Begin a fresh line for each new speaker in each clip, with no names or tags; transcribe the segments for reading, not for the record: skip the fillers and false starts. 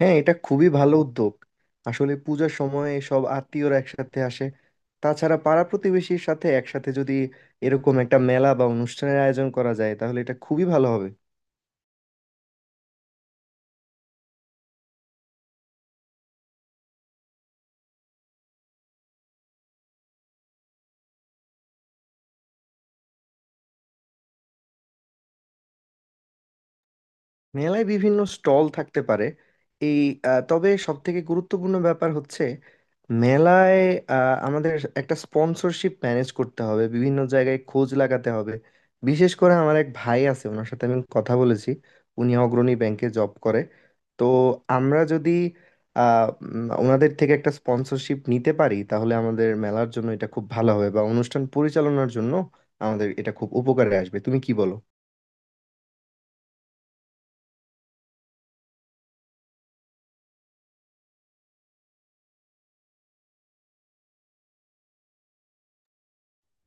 হ্যাঁ, এটা খুবই ভালো উদ্যোগ। আসলে পূজার সময় সব আত্মীয়রা একসাথে আসে। তাছাড়া পাড়া প্রতিবেশীর সাথে একসাথে যদি এরকম একটা মেলা বা অনুষ্ঠানের আয়োজন করা যায়, তাহলে এটা খুবই ভালো হবে। মেলায় বিভিন্ন স্টল থাকতে পারে। এই তবে সব থেকে গুরুত্বপূর্ণ ব্যাপার হচ্ছে, মেলায় আমাদের একটা স্পন্সরশিপ ম্যানেজ করতে হবে, বিভিন্ন জায়গায় খোঁজ লাগাতে হবে। বিশেষ করে আমার এক ভাই আছে, ওনার সাথে আমি কথা বলেছি। উনি অগ্রণী ব্যাংকে জব করে। তো আমরা যদি ওনাদের থেকে একটা স্পন্সরশিপ নিতে পারি, তাহলে আমাদের মেলার জন্য এটা খুব ভালো হবে বা অনুষ্ঠান পরিচালনার জন্য আমাদের এটা খুব উপকারে আসবে। তুমি কি বলো?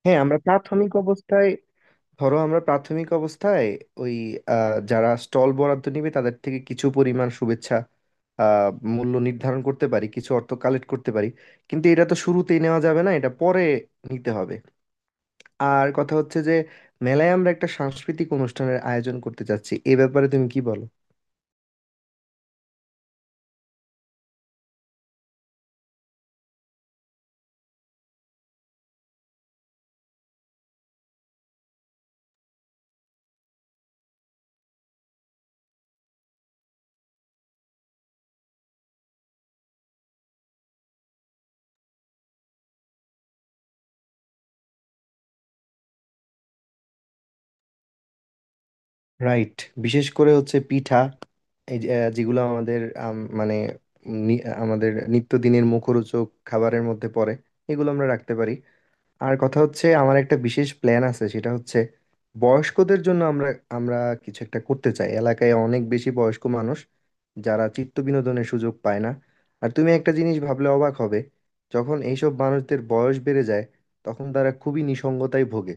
হ্যাঁ, আমরা প্রাথমিক অবস্থায়, ধরো আমরা প্রাথমিক অবস্থায় ওই যারা স্টল বরাদ্দ নিবে তাদের থেকে কিছু পরিমাণ শুভেচ্ছা আহ, মূল্য নির্ধারণ করতে পারি, কিছু অর্থ কালেক্ট করতে পারি। কিন্তু এটা তো শুরুতেই নেওয়া যাবে না, এটা পরে নিতে হবে। আর কথা হচ্ছে যে, মেলায় আমরা একটা সাংস্কৃতিক অনুষ্ঠানের আয়োজন করতে চাচ্ছি। এ ব্যাপারে তুমি কি বলো? রাইট। বিশেষ করে হচ্ছে পিঠা, এই যে, যেগুলো আমাদের, মানে আমাদের নিত্যদিনের মুখরোচক খাবারের মধ্যে পড়ে, এগুলো আমরা রাখতে পারি। আর কথা হচ্ছে, আমার একটা বিশেষ প্ল্যান আছে, সেটা হচ্ছে বয়স্কদের জন্য আমরা আমরা কিছু একটা করতে চাই। এলাকায় অনেক বেশি বয়স্ক মানুষ, যারা চিত্ত বিনোদনের সুযোগ পায় না। আর তুমি একটা জিনিস ভাবলে অবাক হবে, যখন এইসব মানুষদের বয়স বেড়ে যায় তখন তারা খুবই নিসঙ্গতায় ভোগে।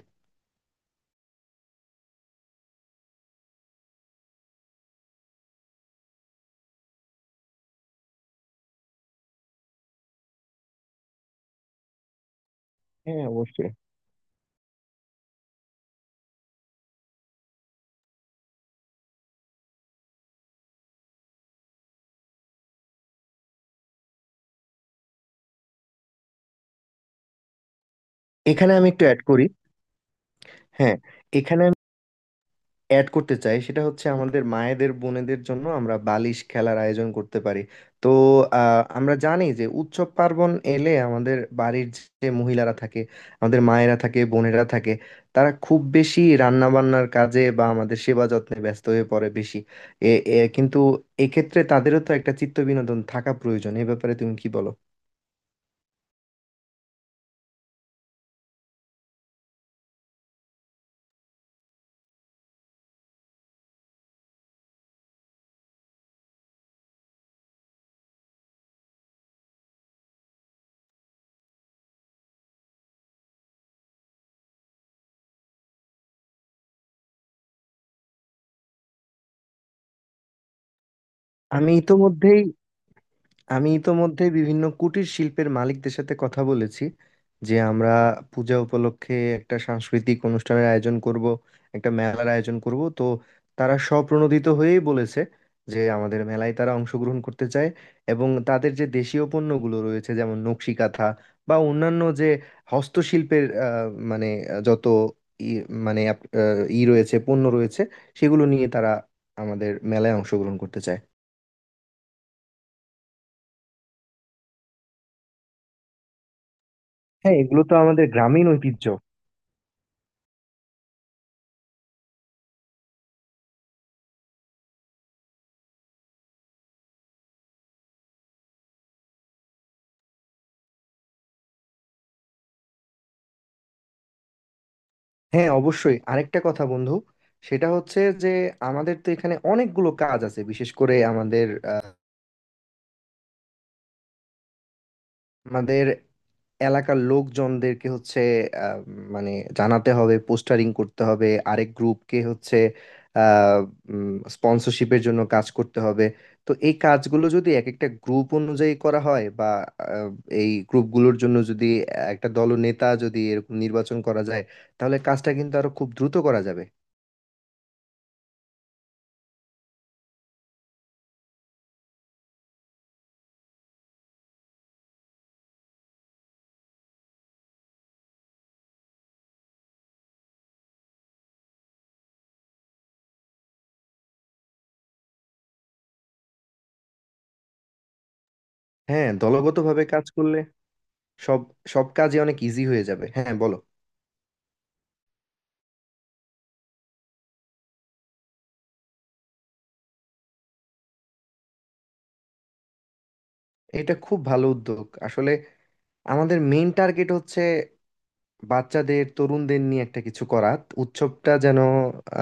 হ্যাঁ, অবশ্যই। এখানে আমি একটু অ্যাড করি। হ্যাঁ, এখানে অ্যাড করতে চাই, সেটা হচ্ছে আমাদের মায়েদের, বোনেদের জন্য আমরা বালিশ খেলার আয়োজন করতে পারি। তো আমরা জানি যে, উৎসব পার্বণ এলে আমাদের বাড়ির যে মহিলারা থাকে, আমাদের মায়েরা থাকে, বোনেরা থাকে, তারা খুব বেশি রান্না বান্নার কাজে বা আমাদের সেবা যত্নে ব্যস্ত হয়ে পড়ে বেশি। এ এ- কিন্তু এক্ষেত্রে তাদেরও তো একটা চিত্ত বিনোদন থাকা প্রয়োজন। এ ব্যাপারে তুমি কি বলো? আমি ইতোমধ্যেই আমি ইতোমধ্যে বিভিন্ন কুটির শিল্পের মালিকদের সাথে কথা বলেছি যে, আমরা পূজা উপলক্ষে একটা সাংস্কৃতিক অনুষ্ঠানের আয়োজন করব, একটা মেলার আয়োজন করব। তো তারা স্বপ্রণোদিত হয়েই বলেছে যে, আমাদের মেলায় তারা অংশগ্রহণ করতে চায়, এবং তাদের যে দেশীয় পণ্যগুলো রয়েছে যেমন নকশি কাঁথা বা অন্যান্য যে হস্তশিল্পের মানে যত ই মানে ই রয়েছে, পণ্য রয়েছে, সেগুলো নিয়ে তারা আমাদের মেলায় অংশগ্রহণ করতে চায়। হ্যাঁ, এগুলো তো আমাদের গ্রামীণ ঐতিহ্য। হ্যাঁ, অবশ্যই। আরেকটা কথা, বন্ধু, সেটা হচ্ছে যে, আমাদের তো এখানে অনেকগুলো কাজ আছে। বিশেষ করে আমাদের এলাকার লোকজনদেরকে হচ্ছে, আহ, মানে জানাতে হবে, পোস্টারিং করতে হবে। আরেক গ্রুপকে হচ্ছে স্পন্সরশিপের জন্য কাজ করতে হবে। তো এই কাজগুলো যদি এক একটা গ্রুপ অনুযায়ী করা হয়, বা আহ, এই গ্রুপগুলোর জন্য যদি একটা দলনেতা যদি এরকম নির্বাচন করা যায়, তাহলে কাজটা কিন্তু আরো খুব দ্রুত করা যাবে। হ্যাঁ, দলগতভাবে কাজ করলে সব সব কাজে অনেক ইজি হয়ে যাবে। হ্যাঁ, বলো। এটা খুব ভালো উদ্যোগ। আসলে আমাদের মেইন টার্গেট হচ্ছে বাচ্চাদের, তরুণদের নিয়ে একটা কিছু করা। উৎসবটা যেন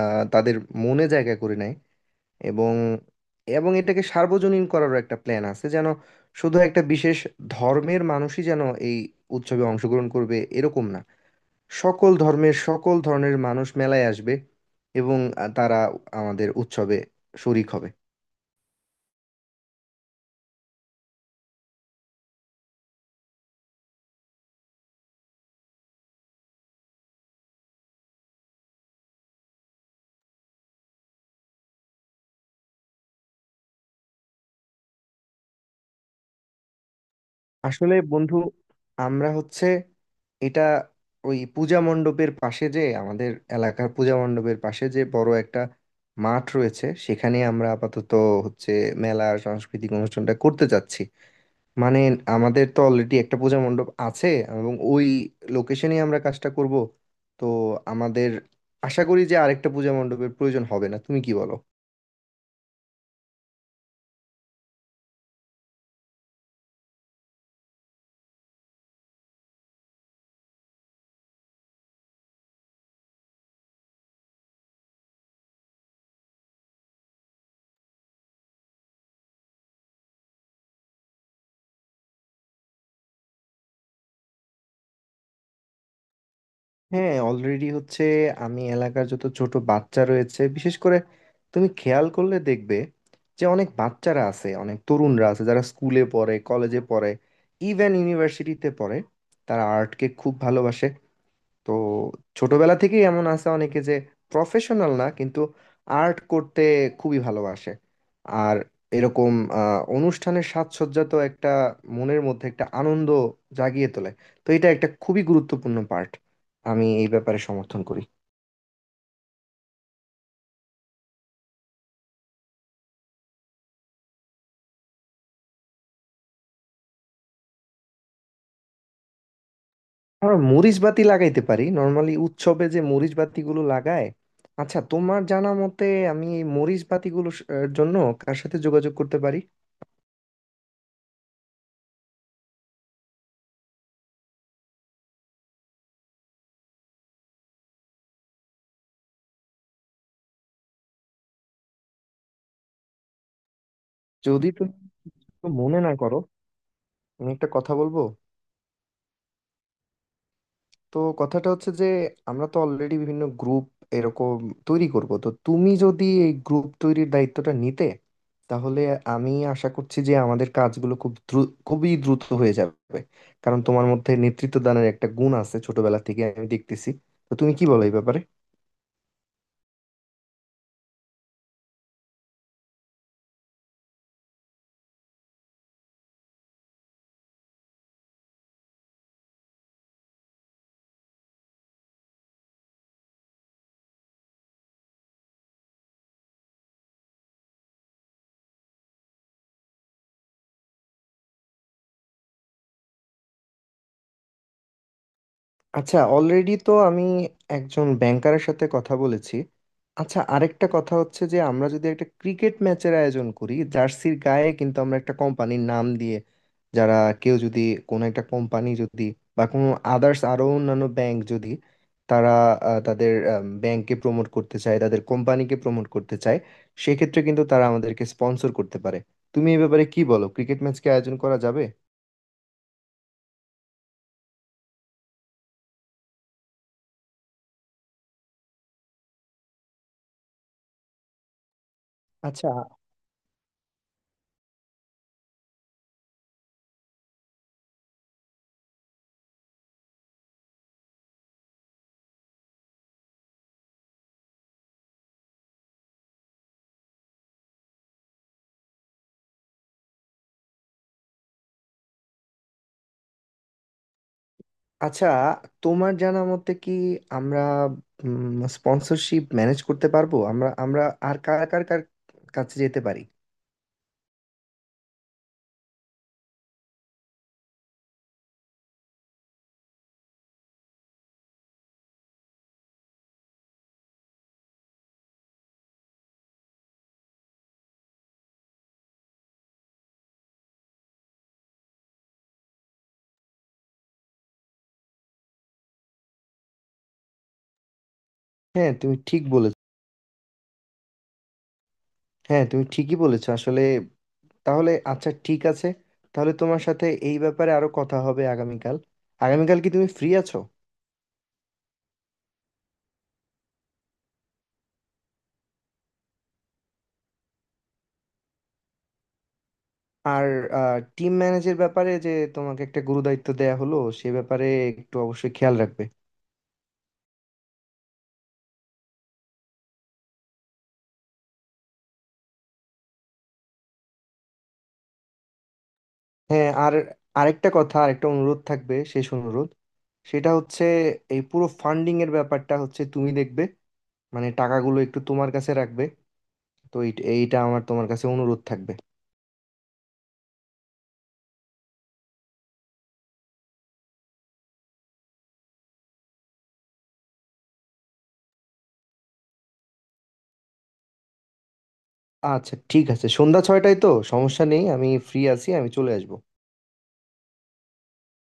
তাদের মনে জায়গা করে নেয়, এবং এবং এটাকে সার্বজনীন করারও একটা প্ল্যান আছে, যেন শুধু একটা বিশেষ ধর্মের মানুষই যেন এই উৎসবে অংশগ্রহণ করবে এরকম না, সকল ধর্মের সকল ধরনের মানুষ মেলায় আসবে এবং তারা আমাদের উৎসবে শরিক হবে। আসলে বন্ধু, আমরা হচ্ছে এটা, ওই পূজা মণ্ডপের পাশে যে আমাদের এলাকার পূজা মণ্ডপের পাশে যে বড় একটা মাঠ রয়েছে, সেখানে আমরা আপাতত হচ্ছে মেলা, সাংস্কৃতিক অনুষ্ঠানটা করতে যাচ্ছি। মানে আমাদের তো অলরেডি একটা পূজা মণ্ডপ আছে এবং ওই লোকেশনেই আমরা কাজটা করব। তো আমাদের আশা করি যে আরেকটা পূজা মণ্ডপের প্রয়োজন হবে না। তুমি কি বলো? হ্যাঁ, অলরেডি হচ্ছে, আমি এলাকার যত ছোট বাচ্চা রয়েছে, বিশেষ করে তুমি খেয়াল করলে দেখবে যে অনেক বাচ্চারা আছে, অনেক তরুণরা আছে, যারা স্কুলে পড়ে, কলেজে পড়ে, ইভেন ইউনিভার্সিটিতে পড়ে, তারা আর্টকে খুব ভালোবাসে। তো ছোটবেলা থেকেই এমন আছে অনেকে যে, প্রফেশনাল না কিন্তু আর্ট করতে খুবই ভালোবাসে। আর এরকম অনুষ্ঠানের সাজসজ্জা তো একটা মনের মধ্যে একটা আনন্দ জাগিয়ে তোলে। তো এটা একটা খুবই গুরুত্বপূর্ণ পার্ট। আমি এই ব্যাপারে সমর্থন করি। আমরা মরিচ বাতি লাগাইতে পারি, নর্মালি উৎসবে যে মরিচ বাতিগুলো লাগায়। আচ্ছা, তোমার জানা মতে, আমি এই মরিচ বাতিগুলোর এর জন্য কার সাথে যোগাযোগ করতে পারি? যদি তুমি মনে না করো, আমি একটা কথা বলবো। তো কথাটা হচ্ছে যে, আমরা তো অলরেডি বিভিন্ন গ্রুপ এরকম তৈরি করব। তো তুমি যদি এই গ্রুপ তৈরির দায়িত্বটা নিতে, তাহলে আমি আশা করছি যে আমাদের কাজগুলো খুব দ্রুত, খুবই দ্রুত হয়ে যাবে। কারণ তোমার মধ্যে নেতৃত্ব দানের একটা গুণ আছে ছোটবেলা থেকে আমি দেখতেছি। তো তুমি কি বলো এই ব্যাপারে? আচ্ছা, অলরেডি তো আমি একজন ব্যাংকারের সাথে কথা বলেছি। আচ্ছা, আরেকটা কথা হচ্ছে যে, আমরা যদি একটা ক্রিকেট ম্যাচের আয়োজন করি, জার্সির গায়ে কিন্তু আমরা একটা কোম্পানির নাম দিয়ে, যারা, কেউ যদি, কোনো একটা কোম্পানি যদি বা কোনো আদার্স, আরো অন্যান্য ব্যাংক যদি, তারা তাদের ব্যাংককে প্রমোট করতে চায়, তাদের কোম্পানিকে প্রমোট করতে চায়, সেক্ষেত্রে কিন্তু তারা আমাদেরকে স্পন্সর করতে পারে। তুমি এই ব্যাপারে কি বলো, ক্রিকেট ম্যাচকে আয়োজন করা যাবে? আচ্ছা, আচ্ছা, তোমার জানা মতে কি আমরা স্পন্সরশিপ ম্যানেজ করতে পারবো? আমরা আমরা আর কার কার কার কাছে যেতে পারি? হ্যাঁ, তুমি ঠিক বলেছ। হ্যাঁ, তুমি ঠিকই বলেছো আসলে। তাহলে আচ্ছা, ঠিক আছে, তাহলে তোমার সাথে এই ব্যাপারে আরো কথা হবে আগামীকাল। আগামীকাল কি তুমি ফ্রি আছো? আর টিম ম্যানেজের ব্যাপারে যে তোমাকে একটা গুরুদায়িত্ব দেয়া হলো, সে ব্যাপারে একটু অবশ্যই খেয়াল রাখবে। হ্যাঁ, আর আরেকটা কথা, আরেকটা অনুরোধ থাকবে, শেষ অনুরোধ। সেটা হচ্ছে, এই পুরো ফান্ডিং এর ব্যাপারটা হচ্ছে তুমি দেখবে, মানে টাকাগুলো একটু তোমার কাছে রাখবে। তো এইটা আমার তোমার কাছে অনুরোধ থাকবে। আচ্ছা, ঠিক আছে, সন্ধ্যা ছয়টায় তো সমস্যা নেই, আমি ফ্রি আছি, আমি চলে আসবো।